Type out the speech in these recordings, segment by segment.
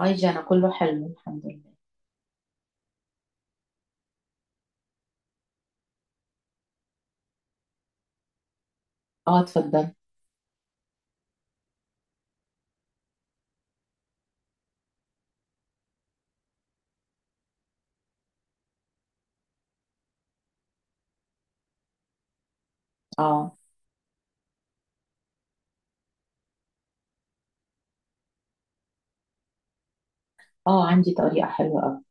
اي، جانا كله حلو، الحمد لله. اه، اتفضل. اه، اه، عندي طريقة حلوة اوي.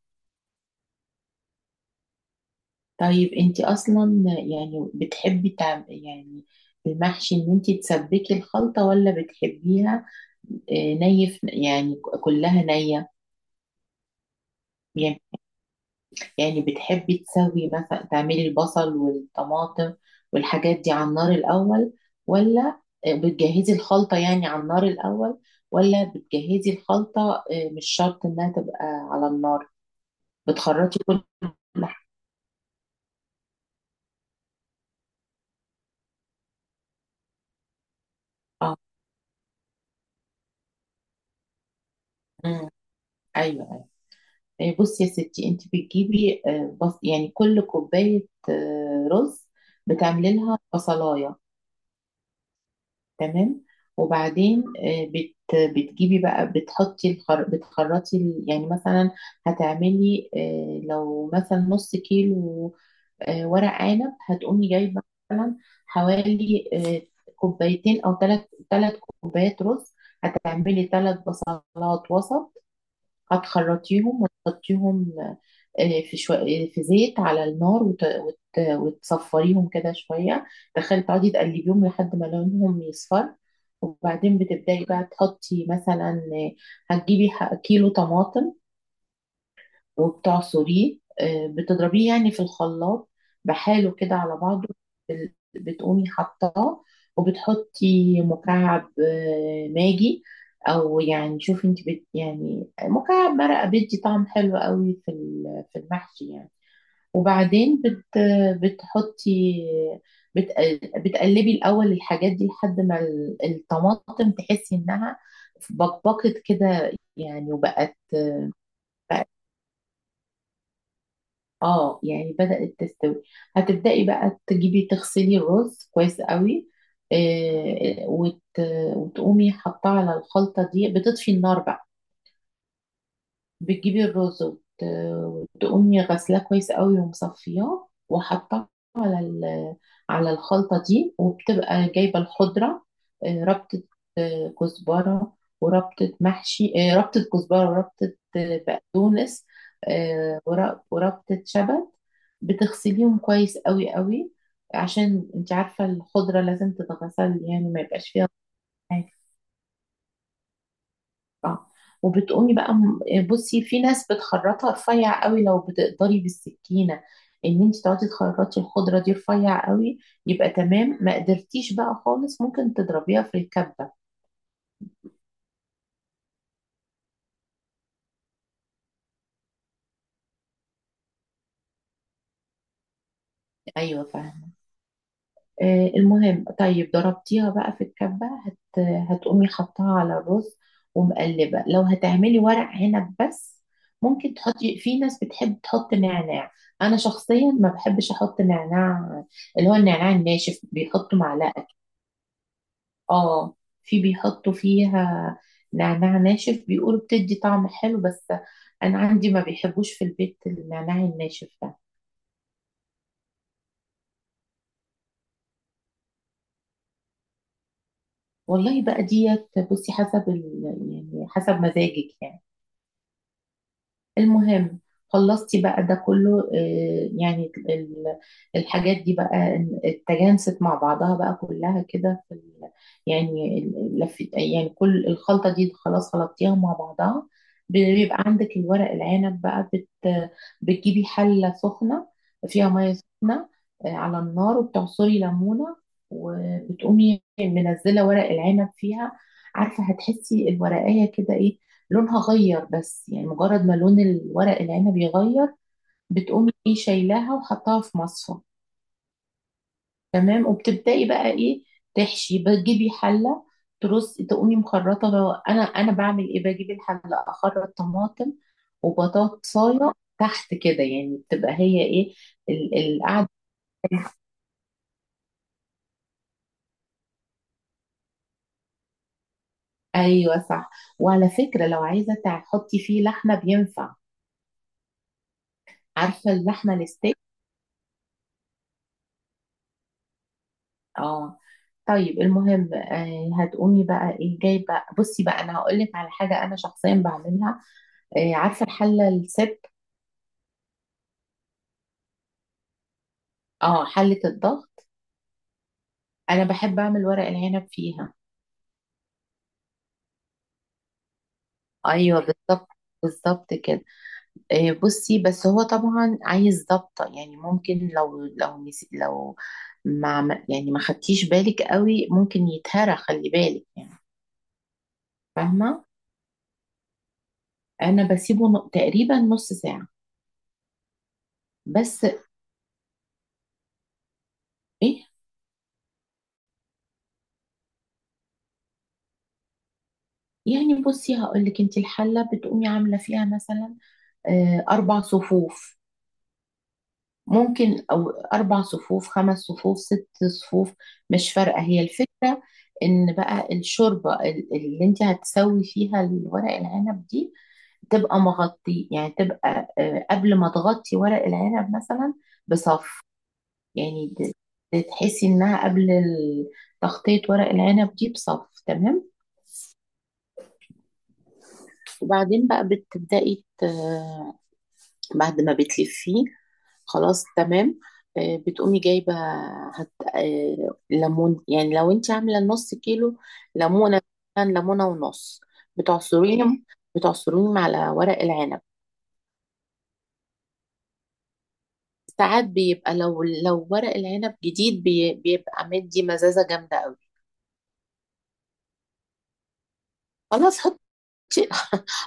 طيب، انتي اصلا يعني بتحبي يعني المحشي ان انتي تسبكي الخلطة ولا بتحبيها؟ يعني كلها نية. يعني يعني بتحبي تسوي مثلا تعملي البصل والطماطم والحاجات دي على النار الاول، ولا بتجهزي الخلطة يعني على النار الاول، ولا بتجهزي الخلطة مش شرط انها تبقى على النار؟ بتخرطي كل ح- اه، مم، ايوه، ايوه. بصي يا ستي، انت بتجيبي بص يعني كل كوبايه رز بتعملي لها بصلايه. تمام. وبعدين آه، بت بتجيبي بقى بتحطي بتخرطي يعني مثلا هتعملي، لو مثلا نص كيلو ورق عنب، هتقومي جايبه مثلا حوالي كوبايتين او ثلاث 3 كوبايات رز، هتعملي 3 بصلات وسط، هتخرطيهم وتحطيهم آه، في شو... في زيت على النار وتصفريهم كده شوية، تخلي تقعدي تقلبيهم لحد ما لونهم يصفر. وبعدين بتبدأي بقى تحطي مثلا، هتجيبي كيلو طماطم وبتعصريه، بتضربيه يعني في الخلاط بحاله كده على بعضه، بتقومي حطاه. وبتحطي مكعب ماجي، او يعني شوفي انت يعني مكعب مرقه بيدي طعم حلو قوي في في المحشي يعني. وبعدين بت بتحطي بت بتقلبي الاول الحاجات دي لحد ما الطماطم تحسي انها بقبقت كده يعني وبقت. اه، يعني بدأت تستوي. هتبدأي بقى تجيبي تغسلي الرز كويس قوي، آه، وت... وتقومي حاطاه على الخلطة دي، بتطفي النار بقى. بتجيبي الرز وتقومي غسلاه كويس قوي ومصفياه وحطاه على على الخلطة دي، وبتبقى جايبة الخضرة، ربطة كزبرة، وربطة محشي، ربطة كزبرة وربطة بقدونس، وربطة شبت. بتغسليهم كويس قوي قوي، عشان انت عارفة الخضرة لازم تتغسل، يعني ما يبقاش فيها حاجة. اه. وبتقومي بقى يعني بصي، في ناس بتخرطها رفيع قوي. لو بتقدري بالسكينة ان انت تقعدي تخرطي الخضرة دي رفيع قوي، يبقى تمام. ما قدرتيش بقى خالص، ممكن تضربيها في الكبة. ايوه فاهم. المهم، طيب، ضربتيها بقى في الكبة، هتقومي حطها على الرز ومقلبة. لو هتعملي ورق عنب بس، ممكن تحطي، في ناس بتحب تحط نعناع. انا شخصيا ما بحبش احط نعناع، اللي هو النعناع الناشف بيحطوا معلقة. اه، في بيحطوا فيها نعناع ناشف بيقولوا بتدي طعم حلو، بس انا عندي ما بيحبوش في البيت النعناع الناشف ده. والله بقى ديت، بصي حسب يعني حسب مزاجك يعني. المهم، خلصتي بقى ده كله، يعني الحاجات دي بقى اتجانست مع بعضها بقى كلها كده في يعني لف، يعني كل الخلطة دي خلاص خلطتيها مع بعضها. بيبقى عندك الورق العنب بقى، بتجيبي حلة سخنة فيها مية سخنة على النار، وبتعصري ليمونة، وبتقومي منزلة ورق العنب فيها. عارفة هتحسي الورقية كده لونها غير، بس يعني مجرد ما لون الورق العنب يغير، بتقومي شايلاها وحطها في مصفى. تمام. وبتبدأي بقى تحشي، بتجيبي حلة ترصي، تقومي مخرطة بقى. انا بعمل بجيب الحلة، اخرط طماطم وبطاطساية تحت كده يعني، بتبقى هي القعدة. ايوه صح. وعلى فكرة، لو عايزة تحطي فيه لحمة بينفع، عارفة اللحمة الستيك؟ اه. طيب، المهم، هتقومي بقى جاي بقى، بصي بقى، انا هقول لك على حاجه انا شخصيا بعملها. عارفه الحله السب... اه، حله الضغط. انا بحب اعمل ورق العنب فيها. ايوه، بالظبط، بالظبط كده. بصي، بس هو طبعا عايز ضبطه يعني. ممكن لو لو يعني ما خدتيش بالك قوي ممكن يتهرى، خلي بالك يعني. فاهمه. انا بسيبه تقريبا نص ساعه بس. ايه، يعني بصي هقول لك، انت الحله بتقومي عامله فيها مثلا 4 صفوف ممكن، او 4 صفوف، 5 صفوف، 6 صفوف، مش فارقه هي الفكره. ان بقى الشوربه اللي انت هتسوي فيها الورق العنب دي تبقى مغطي، يعني تبقى، قبل ما تغطي ورق العنب مثلا بصف، يعني تحسي انها قبل تغطيه ورق العنب دي بصف تمام. وبعدين بقى بتبدأي بعد ما بتلفيه، خلاص تمام. بتقومي جايبه هت... آه، ليمون، يعني لو انت عامله نص كيلو ليمونه، مثلاً ليمونه ونص، بتعصريهم بتعصريهم على ورق العنب. ساعات بيبقى، لو ورق العنب جديد بيبقى مدي مزازه جامده قوي. خلاص، حطي،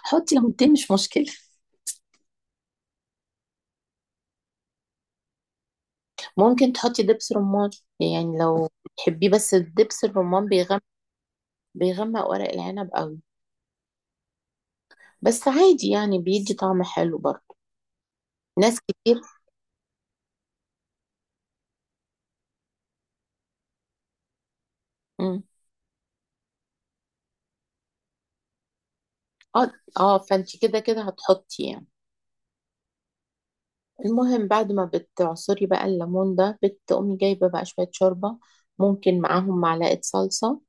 حطي ليمونتين مش مشكله. ممكن تحطي دبس رمان، يعني لو تحبيه، بس الدبس الرمان بيغمق ورق العنب قوي، بس عادي يعني بيدي طعم حلو برضه. ناس كتير. مم. اه، اه، فانت كده كده هتحطي يعني. المهم بعد ما بتعصري بقى الليمون ده، بتقومي جايبه بقى شويه شوربه، ممكن معاهم معلقه صلصه،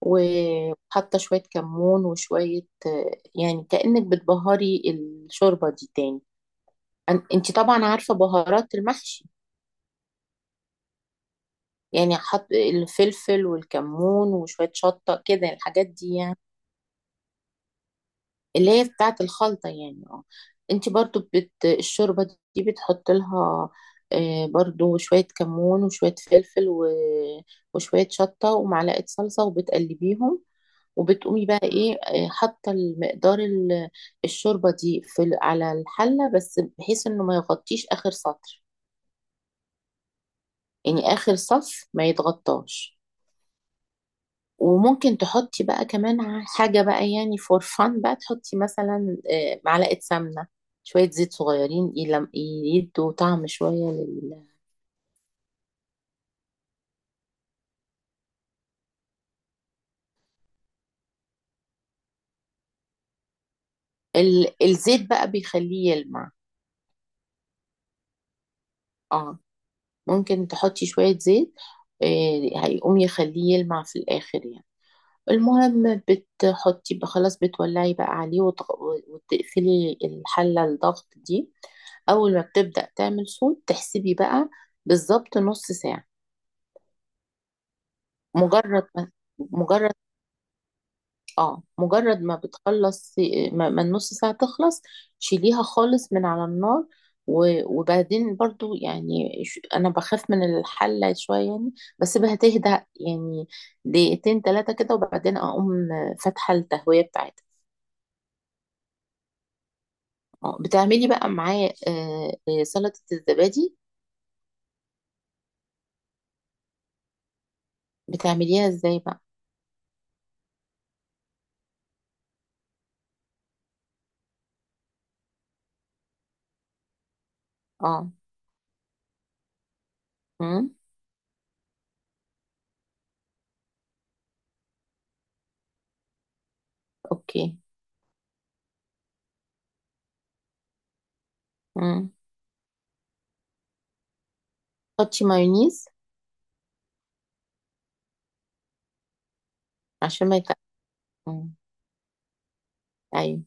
وحاطه شويه كمون وشويه، يعني كأنك بتبهري الشوربه دي تاني. انت طبعا عارفه بهارات المحشي، يعني حط الفلفل والكمون وشويه شطه كده، الحاجات دي يعني اللي هي بتاعة الخلطة يعني. اه. انت برضو الشوربة دي بتحط لها برضو شوية كمون وشوية فلفل وشوية شطة ومعلقة صلصة وبتقلبيهم، وبتقومي بقى ايه آه، حاطة المقدار الشوربة دي في على الحلة، بس بحيث انه ما يغطيش اخر سطر، يعني اخر صف ما يتغطاش. وممكن تحطي بقى كمان حاجة بقى، يعني فور فان بقى، تحطي مثلا معلقة سمنة، شوية زيت صغيرين يدوا طعم شوية الزيت بقى بيخليه يلمع. اه، ممكن تحطي شوية زيت، هيقوم يخليه يلمع في الآخر يعني. المهم، بتحطي بقى خلاص، بتولعي بقى عليه وتقفلي الحلة الضغط دي. أول ما بتبدأ تعمل صوت تحسبي بقى بالظبط نص ساعة. مجرد ما مجرد اه مجرد ما بتخلص، ما النص ساعة تخلص، شيليها خالص من على النار. وبعدين برضو يعني، انا بخاف من الحلة شوية يعني، بسيبها تهدى يعني دقيقتين ثلاثة كده، وبعدين اقوم فاتحة التهوية بتاعتها. بتعملي بقى معاه سلطة الزبادي. بتعمليها ازاي بقى؟ اه. امم. اوكي. امم. حطي مايونيز عشان ما يتقل. ايوه.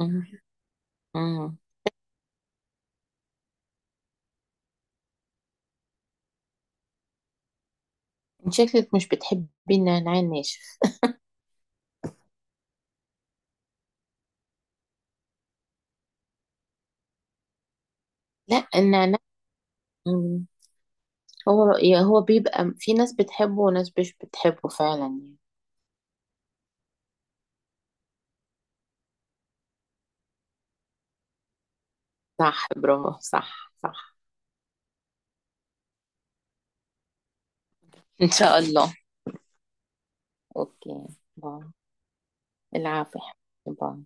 مم. مم. انت شكلك مش بتحبي النعناع الناشف. لا النعناع. مم. هو، هو بيبقى في ناس بتحبه وناس مش بتحبه فعلا يعني. صح، برافو، صح، صح. ان شاء الله. اوكي، باي. العافية. باي.